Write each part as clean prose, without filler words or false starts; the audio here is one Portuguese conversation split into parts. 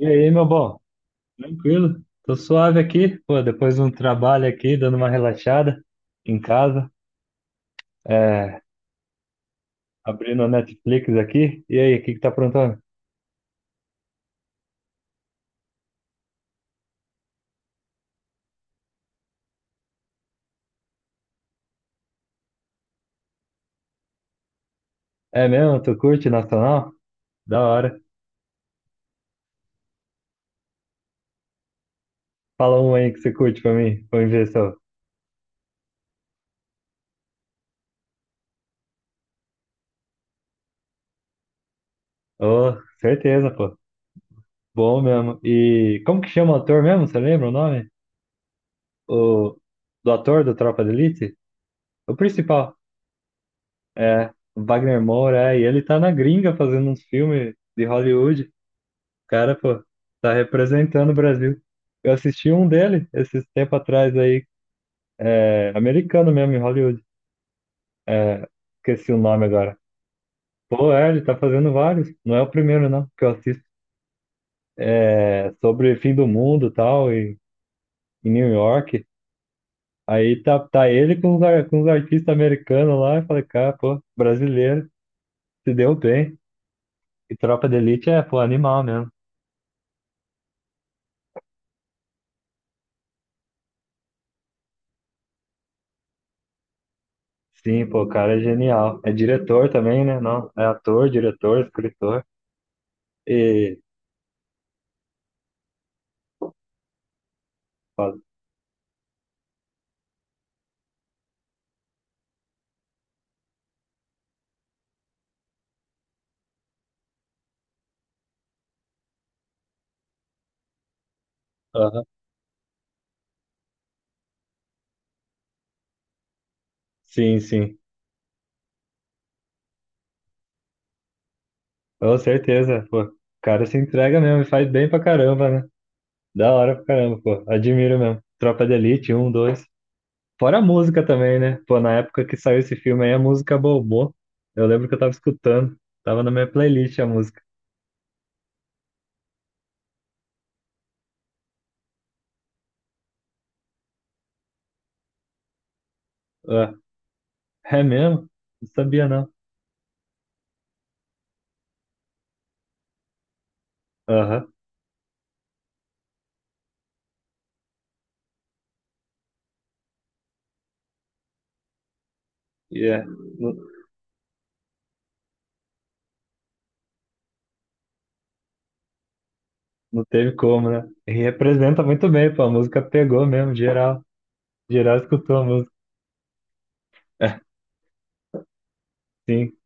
E aí, meu bom? Tranquilo? Tô suave aqui, pô, depois de um trabalho aqui, dando uma relaxada em casa, é, abrindo a Netflix aqui. E aí, o que que tá aprontando? É mesmo? Tu curte Nacional? Da hora. Fala um aí que você curte pra mim ver se eu... Ô, certeza, pô. Bom mesmo. E como que chama o ator mesmo? Você lembra o nome? O... Do ator do Tropa de Elite? O principal. É, Wagner Moura, é, e ele tá na gringa fazendo uns filmes de Hollywood. Cara, pô, tá representando o Brasil. Eu assisti um dele esses tempo atrás aí, é, americano mesmo, em Hollywood. É, esqueci o nome agora. Pô, é, ele tá fazendo vários. Não é o primeiro, não, que eu assisto. É, sobre fim do mundo e tal, e, em New York. Aí tá, tá ele com os, ar- com os artistas americanos lá. Eu falei, cara, pô, brasileiro, se deu bem. E Tropa de Elite é, pô, animal mesmo. Sim, pô, o cara é genial. É diretor também, né? Não, é ator, diretor, escritor. E foda. Aham. Sim, sim. Com certeza, pô. O cara se entrega mesmo e faz bem pra caramba, né? Da hora pra caramba, pô. Admiro mesmo. Tropa de Elite, um, dois. Fora a música também, né? Pô, na época que saiu esse filme aí, a música bombou. Eu lembro que eu tava escutando. Tava na minha playlist a música. Ah, é mesmo? Não sabia, não. Aham. E é. Não, não teve como, né? E representa muito bem, pô. A música pegou mesmo, geral. Geral escutou a música. Sim.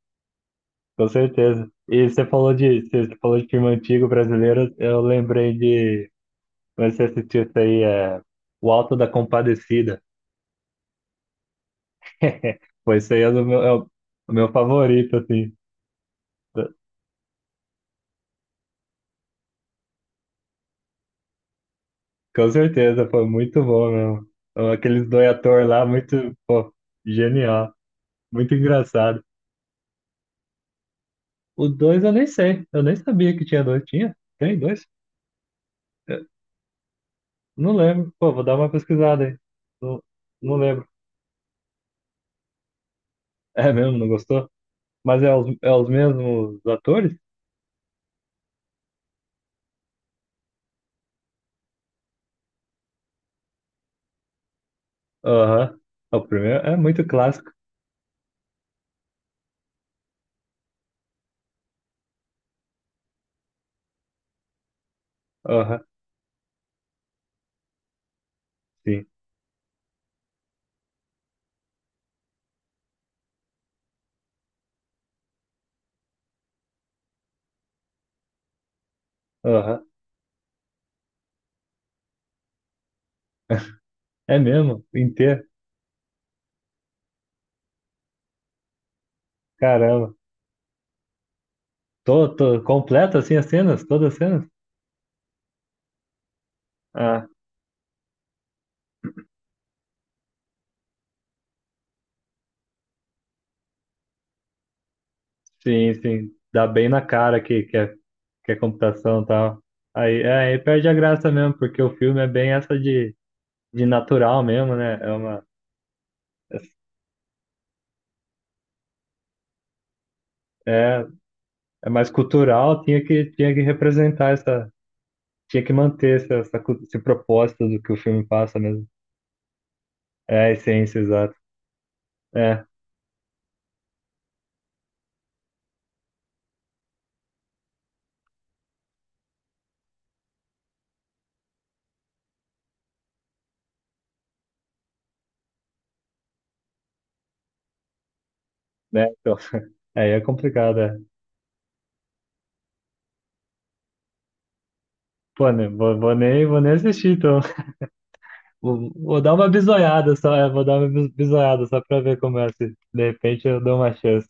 Com certeza. E você falou de filme antigo brasileiro, eu lembrei de, mas você assistiu isso aí, é O Alto da Compadecida. Foi isso aí é o meu favorito, assim. Com certeza, foi muito bom mesmo. Então, aqueles dois atores lá, muito, pô, genial. Muito engraçado. O dois eu nem sei, eu nem sabia que tinha dois. Tinha? Tem dois? Eu não lembro. Pô, vou dar uma pesquisada aí. Não, não lembro. É mesmo, não gostou? Mas é os mesmos atores? Aham. É o primeiro é muito clássico. Aham, sim. Aham. É mesmo? Inteiro? Caramba. Tô, tô completo assim as cenas? Todas as cenas? Ah, sim, sim. Dá bem na cara que é computação e tal. Aí, é, aí perde a graça mesmo, porque o filme é bem essa de natural mesmo, né? É uma, é, é mais cultural, tinha que representar essa, tinha que manter essa, essa, cu- esse propósito do que o filme passa mesmo. É, a essência, exato. É, né? Então, aí é complicado, é. Pô, né, vou, vou nem assistir, então. Vou, vou dar uma bisoiada só, é, vou dar uma bis- bisoiada só pra ver como é. Se de repente eu dou uma chance.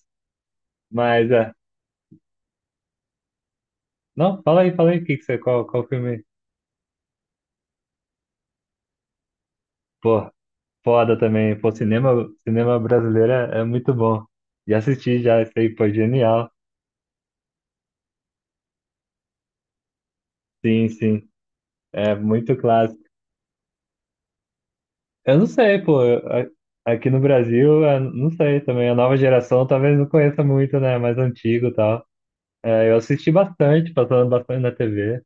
Mas, é. Não, fala aí, o que que você, qual, qual filme? Pô, foda também. Pô, cinema brasileiro é, é muito bom. Já assisti, já, isso aí, pô, genial. Sim, sim. É muito clássico. Eu não sei, pô. A- Aqui no Brasil, é, não sei também. A nova geração talvez não conheça muito, né? Mais antigo e tal. É, eu assisti bastante, passando bastante na TV.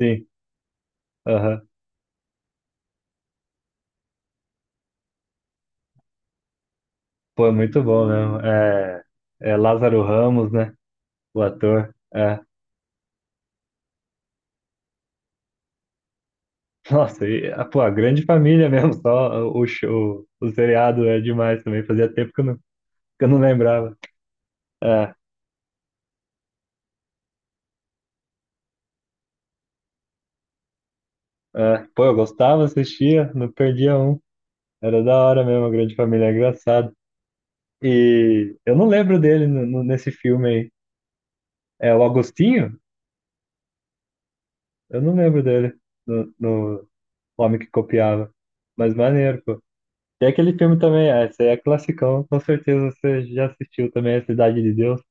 Sim. Aham. Pô, é muito bom mesmo. É, é Lázaro Ramos, né? O ator. É. Nossa, e, ah, pô, a grande família mesmo, só o, show, o seriado é demais também. Fazia tempo que eu não lembrava. É, é. Pô, eu gostava, assistia, não perdia um. Era da hora mesmo, a grande família, é engraçado. E eu não lembro dele no, no- nesse filme aí. É o Agostinho? Eu não lembro dele no, no Homem que Copiava. Mas maneiro, pô. E aquele filme também, é, esse aí é classicão, com certeza você já assistiu também, A Cidade de Deus.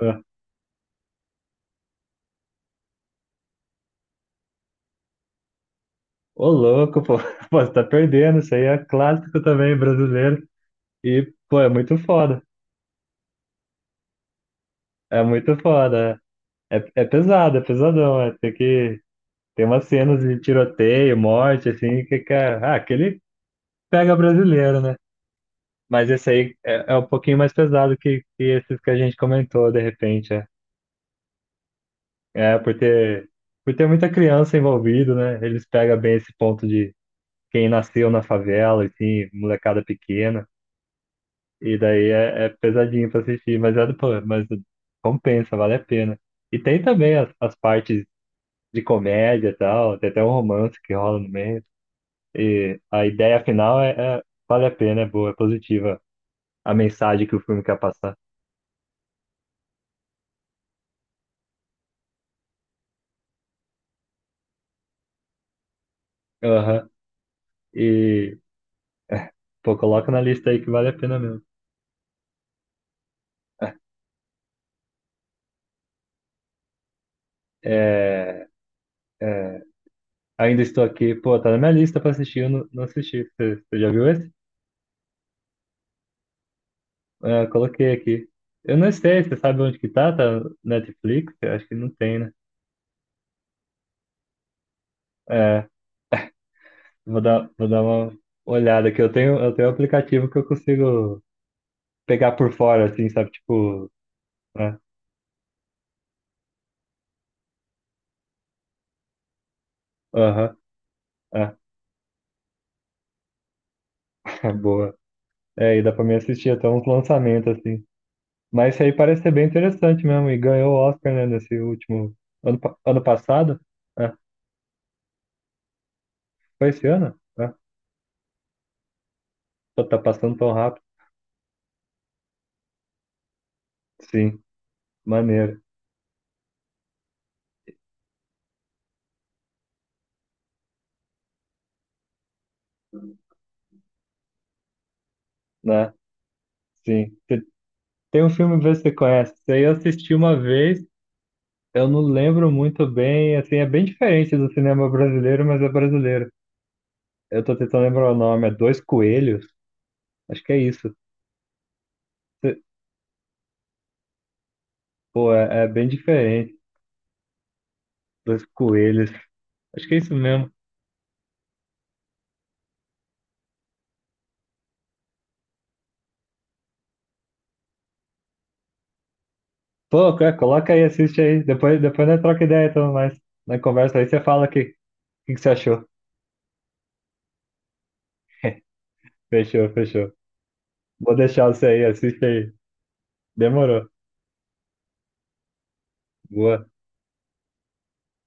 É. Ô louco, pô. Pô, você tá perdendo, isso aí é clássico também, brasileiro. E, pô, é muito foda. É muito foda. É, é é pesado, é pesadão. É, tem que. Tem umas cenas de tiroteio, morte, assim, que, cara. Ah, aquele pega brasileiro, né? Mas esse aí é, é um pouquinho mais pesado que esses que a gente comentou, de repente. É, é por ter muita criança envolvida, né? Eles pegam bem esse ponto de quem nasceu na favela, assim, molecada pequena. E daí é, é pesadinho pra assistir, mas, é, do- pô, mas compensa, vale a pena. E tem também as partes de comédia e tal, tem até um romance que rola no meio. E a ideia final é, é- vale a pena, é boa, é positiva a mensagem que o filme quer passar. Aham. Pô, coloca na lista aí que vale a pena mesmo. É, é, ainda estou aqui. Pô, tá na minha lista pra assistir, eu não, não assisti. Você, você já viu esse? É, coloquei aqui. Eu não sei, você sabe onde que tá? Tá no Netflix? Eu acho que não tem, né? É, vou dar uma olhada aqui. Eu tenho um aplicativo que eu consigo pegar por fora, assim, sabe? Tipo, né? Aham, ah, boa. É, e dá pra mim assistir até uns lançamentos, assim. Mas isso aí parece ser bem interessante mesmo. E ganhou o Oscar, né, nesse último. Ano, pa- ano passado? É, foi esse ano? É, só tá passando tão rápido. Sim, maneiro, né? Sim. Te- Tem um filme, vê se você conhece. Isso aí eu assisti uma vez, eu não lembro muito bem. Assim, é bem diferente do cinema brasileiro, mas é brasileiro. Eu tô tentando lembrar o nome. É Dois Coelhos? Acho que é isso. Cê- Pô, é, é bem diferente. Dois Coelhos. Acho que é isso mesmo. Pô, é, coloca aí, assiste aí. Depois, depois nós troca ideia, então, mais. Na conversa aí você fala o que, que você achou. Fechou, fechou. Vou deixar você aí, assiste aí. Demorou. Boa.